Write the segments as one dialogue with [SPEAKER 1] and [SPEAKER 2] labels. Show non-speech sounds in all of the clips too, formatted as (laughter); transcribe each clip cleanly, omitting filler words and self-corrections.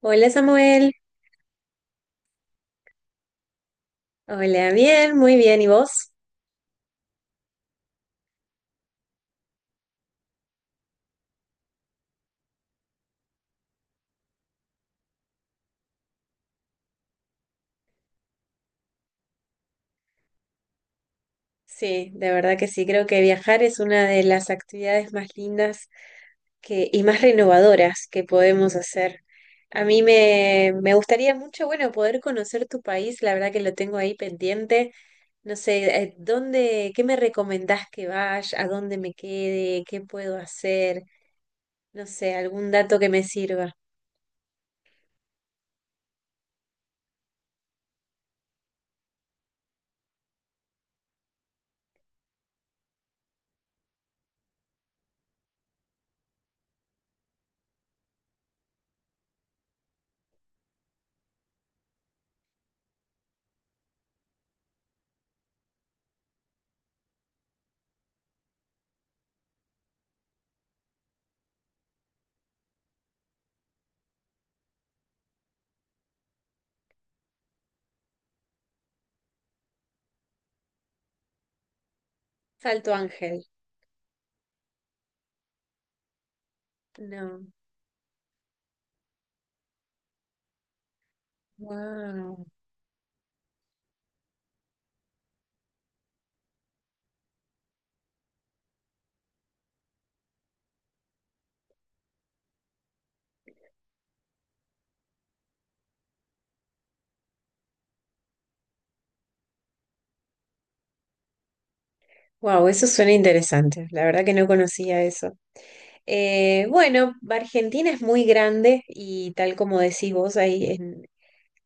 [SPEAKER 1] Hola Samuel, hola, bien, muy bien, ¿y vos? Sí, de verdad que sí, creo que viajar es una de las actividades más lindas y más renovadoras que podemos hacer. A mí me gustaría mucho, bueno, poder conocer tu país, la verdad que lo tengo ahí pendiente. No sé, ¿dónde, qué me recomendás que vaya, a dónde me quede, qué puedo hacer? No sé, algún dato que me sirva. Salto Ángel. No. Wow. Wow, eso suena interesante. La verdad que no conocía eso. Bueno, Argentina es muy grande y tal como decís vos,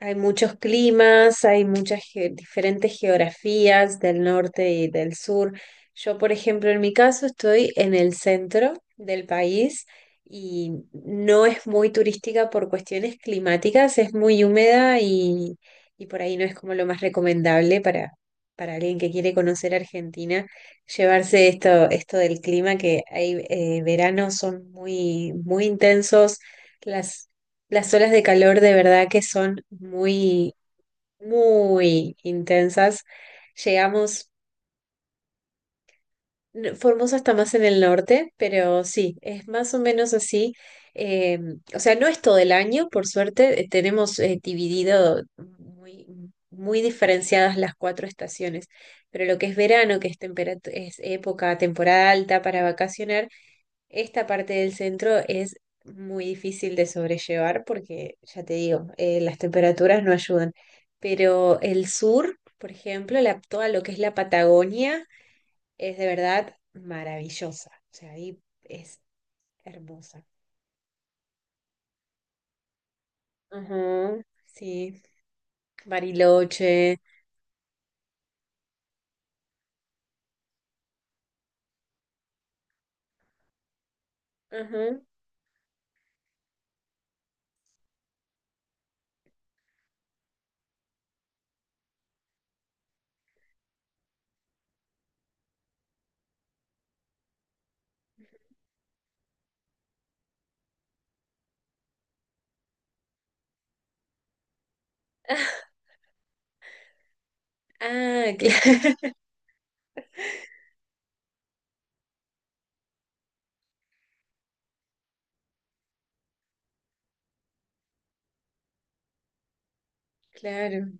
[SPEAKER 1] hay muchos climas, hay muchas diferentes geografías del norte y del sur. Yo, por ejemplo, en mi caso estoy en el centro del país y no es muy turística por cuestiones climáticas, es muy húmeda, y por ahí no es como lo más recomendable para alguien que quiere conocer Argentina, llevarse esto del clima, que hay veranos son muy, muy intensos. Las las olas de calor de verdad que son muy, muy intensas. Llegamos, Formosa está más en el norte, pero sí, es más o menos así. Eh, o sea, no es todo el año, por suerte, tenemos dividido muy, muy diferenciadas las cuatro estaciones, pero lo que es verano, que es época, temporada alta para vacacionar, esta parte del centro es muy difícil de sobrellevar porque, ya te digo, las temperaturas no ayudan. Pero el sur, por ejemplo, toda lo que es la Patagonia es de verdad maravillosa. O sea, ahí es hermosa. Ajá, sí, Bariloche. Ajá. (laughs) Ah, claro, (laughs) claro.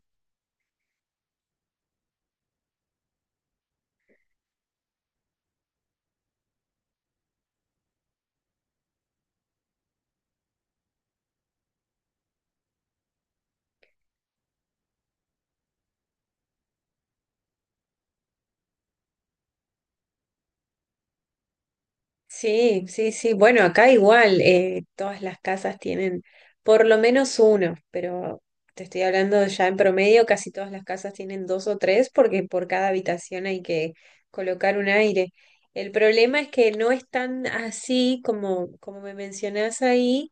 [SPEAKER 1] Sí, sí, sí. Bueno, acá igual, todas las casas tienen por lo menos uno, pero te estoy hablando ya en promedio, casi todas las casas tienen dos o tres porque por cada habitación hay que colocar un aire. El problema es que no es tan así como me mencionás ahí,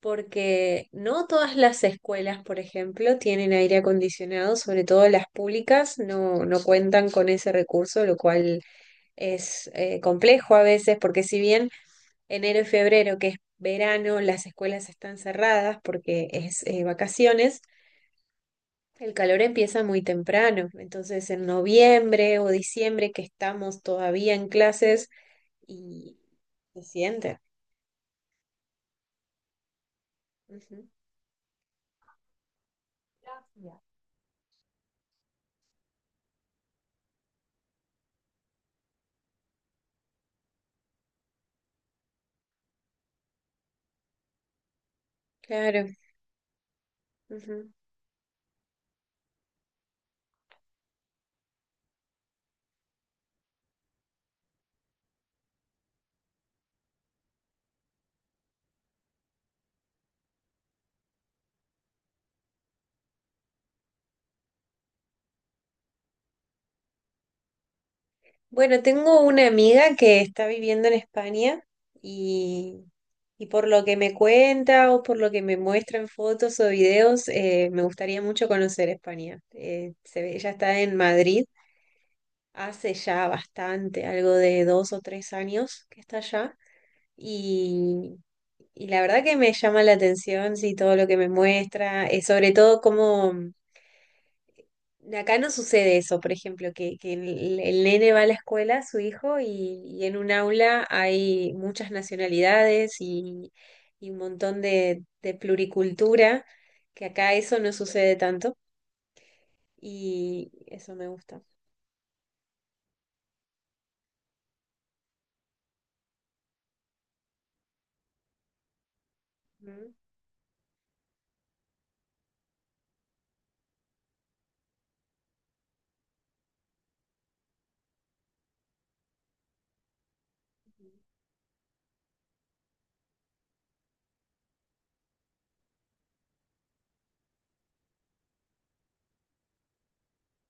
[SPEAKER 1] porque no todas las escuelas, por ejemplo, tienen aire acondicionado, sobre todo las públicas no, no cuentan con ese recurso, lo cual es complejo a veces, porque si bien enero y febrero, que es verano, las escuelas están cerradas porque es vacaciones, el calor empieza muy temprano. Entonces, en noviembre o diciembre, que estamos todavía en clases y se siente. Ujú. Gracias. Claro. Ujú. Bueno, tengo una amiga que está viviendo en España y, y por lo que me cuenta o por lo que me muestra en fotos o videos, me gustaría mucho conocer España. Ella está en Madrid hace ya bastante, algo de dos o tres años que está allá. Y, y la verdad que me llama la atención, sí, todo lo que me muestra, sobre todo cómo, acá no sucede eso, por ejemplo, que el nene va a la escuela, su hijo, y en un aula hay muchas nacionalidades y un montón de pluricultura, que acá eso no sucede tanto. Y eso me gusta. ¿Mm?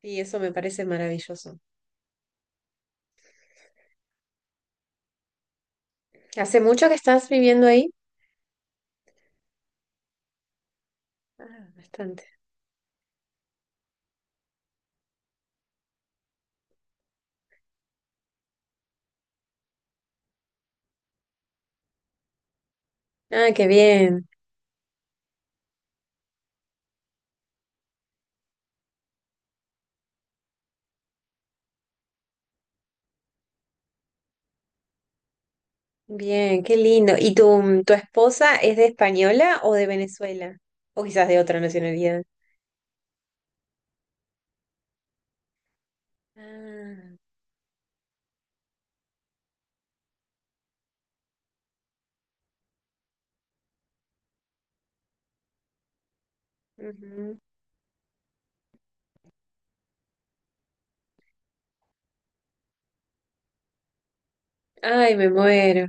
[SPEAKER 1] Y eso me parece maravilloso. ¿Hace mucho que estás viviendo ahí? Ah, bastante. Ah, qué bien, bien, qué lindo. ¿Y tu esposa es de española o de Venezuela? O quizás de otra nacionalidad. Ah, ujú. Ay, me muero.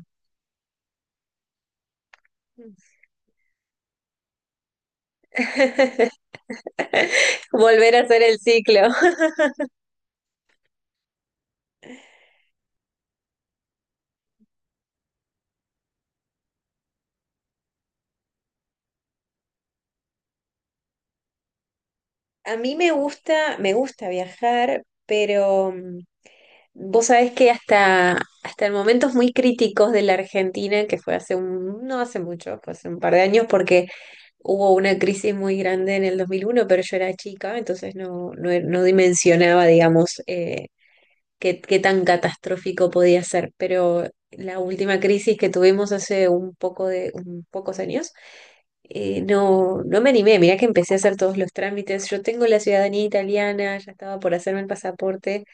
[SPEAKER 1] (laughs) Volver a hacer el ciclo. (laughs) A mí me gusta viajar, pero mm, vos sabés hasta en momentos muy críticos de la Argentina, que fue hace un, no hace mucho, fue hace un par de años, porque hubo una crisis muy grande en el 2001, pero yo era chica, entonces no, no, no dimensionaba, digamos, qué tan catastrófico podía ser, pero la última crisis que tuvimos hace un pocos años, no, no me animé, mirá que empecé a hacer todos los trámites, yo tengo la ciudadanía italiana, ya estaba por hacerme el pasaporte,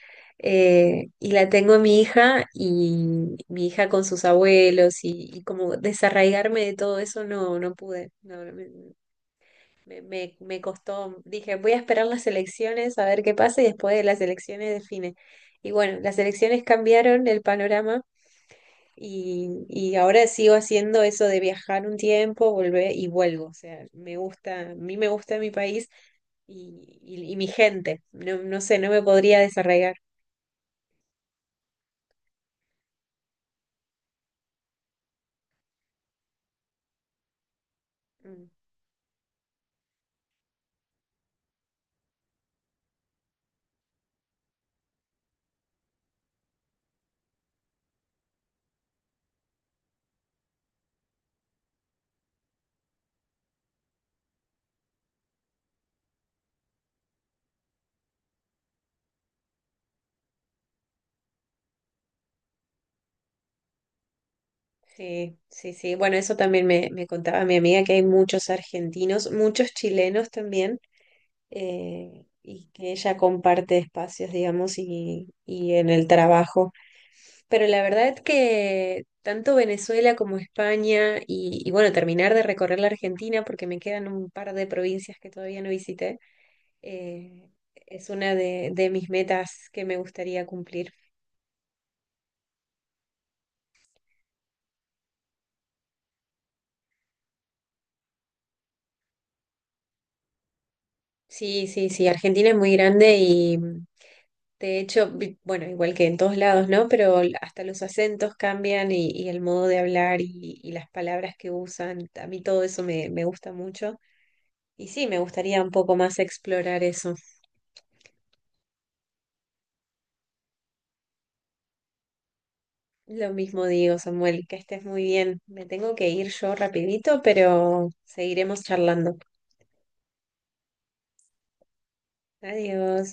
[SPEAKER 1] y la tengo a mi hija y mi hija con sus abuelos, y como desarraigarme de todo eso no, no pude, no, me costó, dije, voy a esperar las elecciones a ver qué pasa y después de las elecciones define. Y bueno, las elecciones cambiaron el panorama y ahora sigo haciendo eso de viajar un tiempo, volver y vuelvo. O sea, me gusta, a mí me gusta mi país y, y mi gente. No, no sé, no me podría desarraigar. Mm. Sí, sí, sí. Bueno, eso también me contaba mi amiga que hay muchos argentinos, muchos chilenos también. Eh, y que ella comparte espacios, digamos, y en el trabajo. Pero la verdad es que tanto Venezuela como España y bueno, terminar de recorrer la Argentina porque me quedan un par de provincias que todavía no visité, eh, es una de mis metas que me gustaría cumplir. Sí, sí, sí, Argentina es muy grande. De hecho, bueno, igual que en todos lados, ¿no? Pero hasta los acentos cambian y el modo de hablar y las palabras que usan. A mí todo eso me gusta mucho. Y sí, me gustaría un poco más explorar eso. Lo mismo digo, Samuel, que estés muy bien. Me tengo que ir yo rapidito, pero seguiremos charlando. Adiós.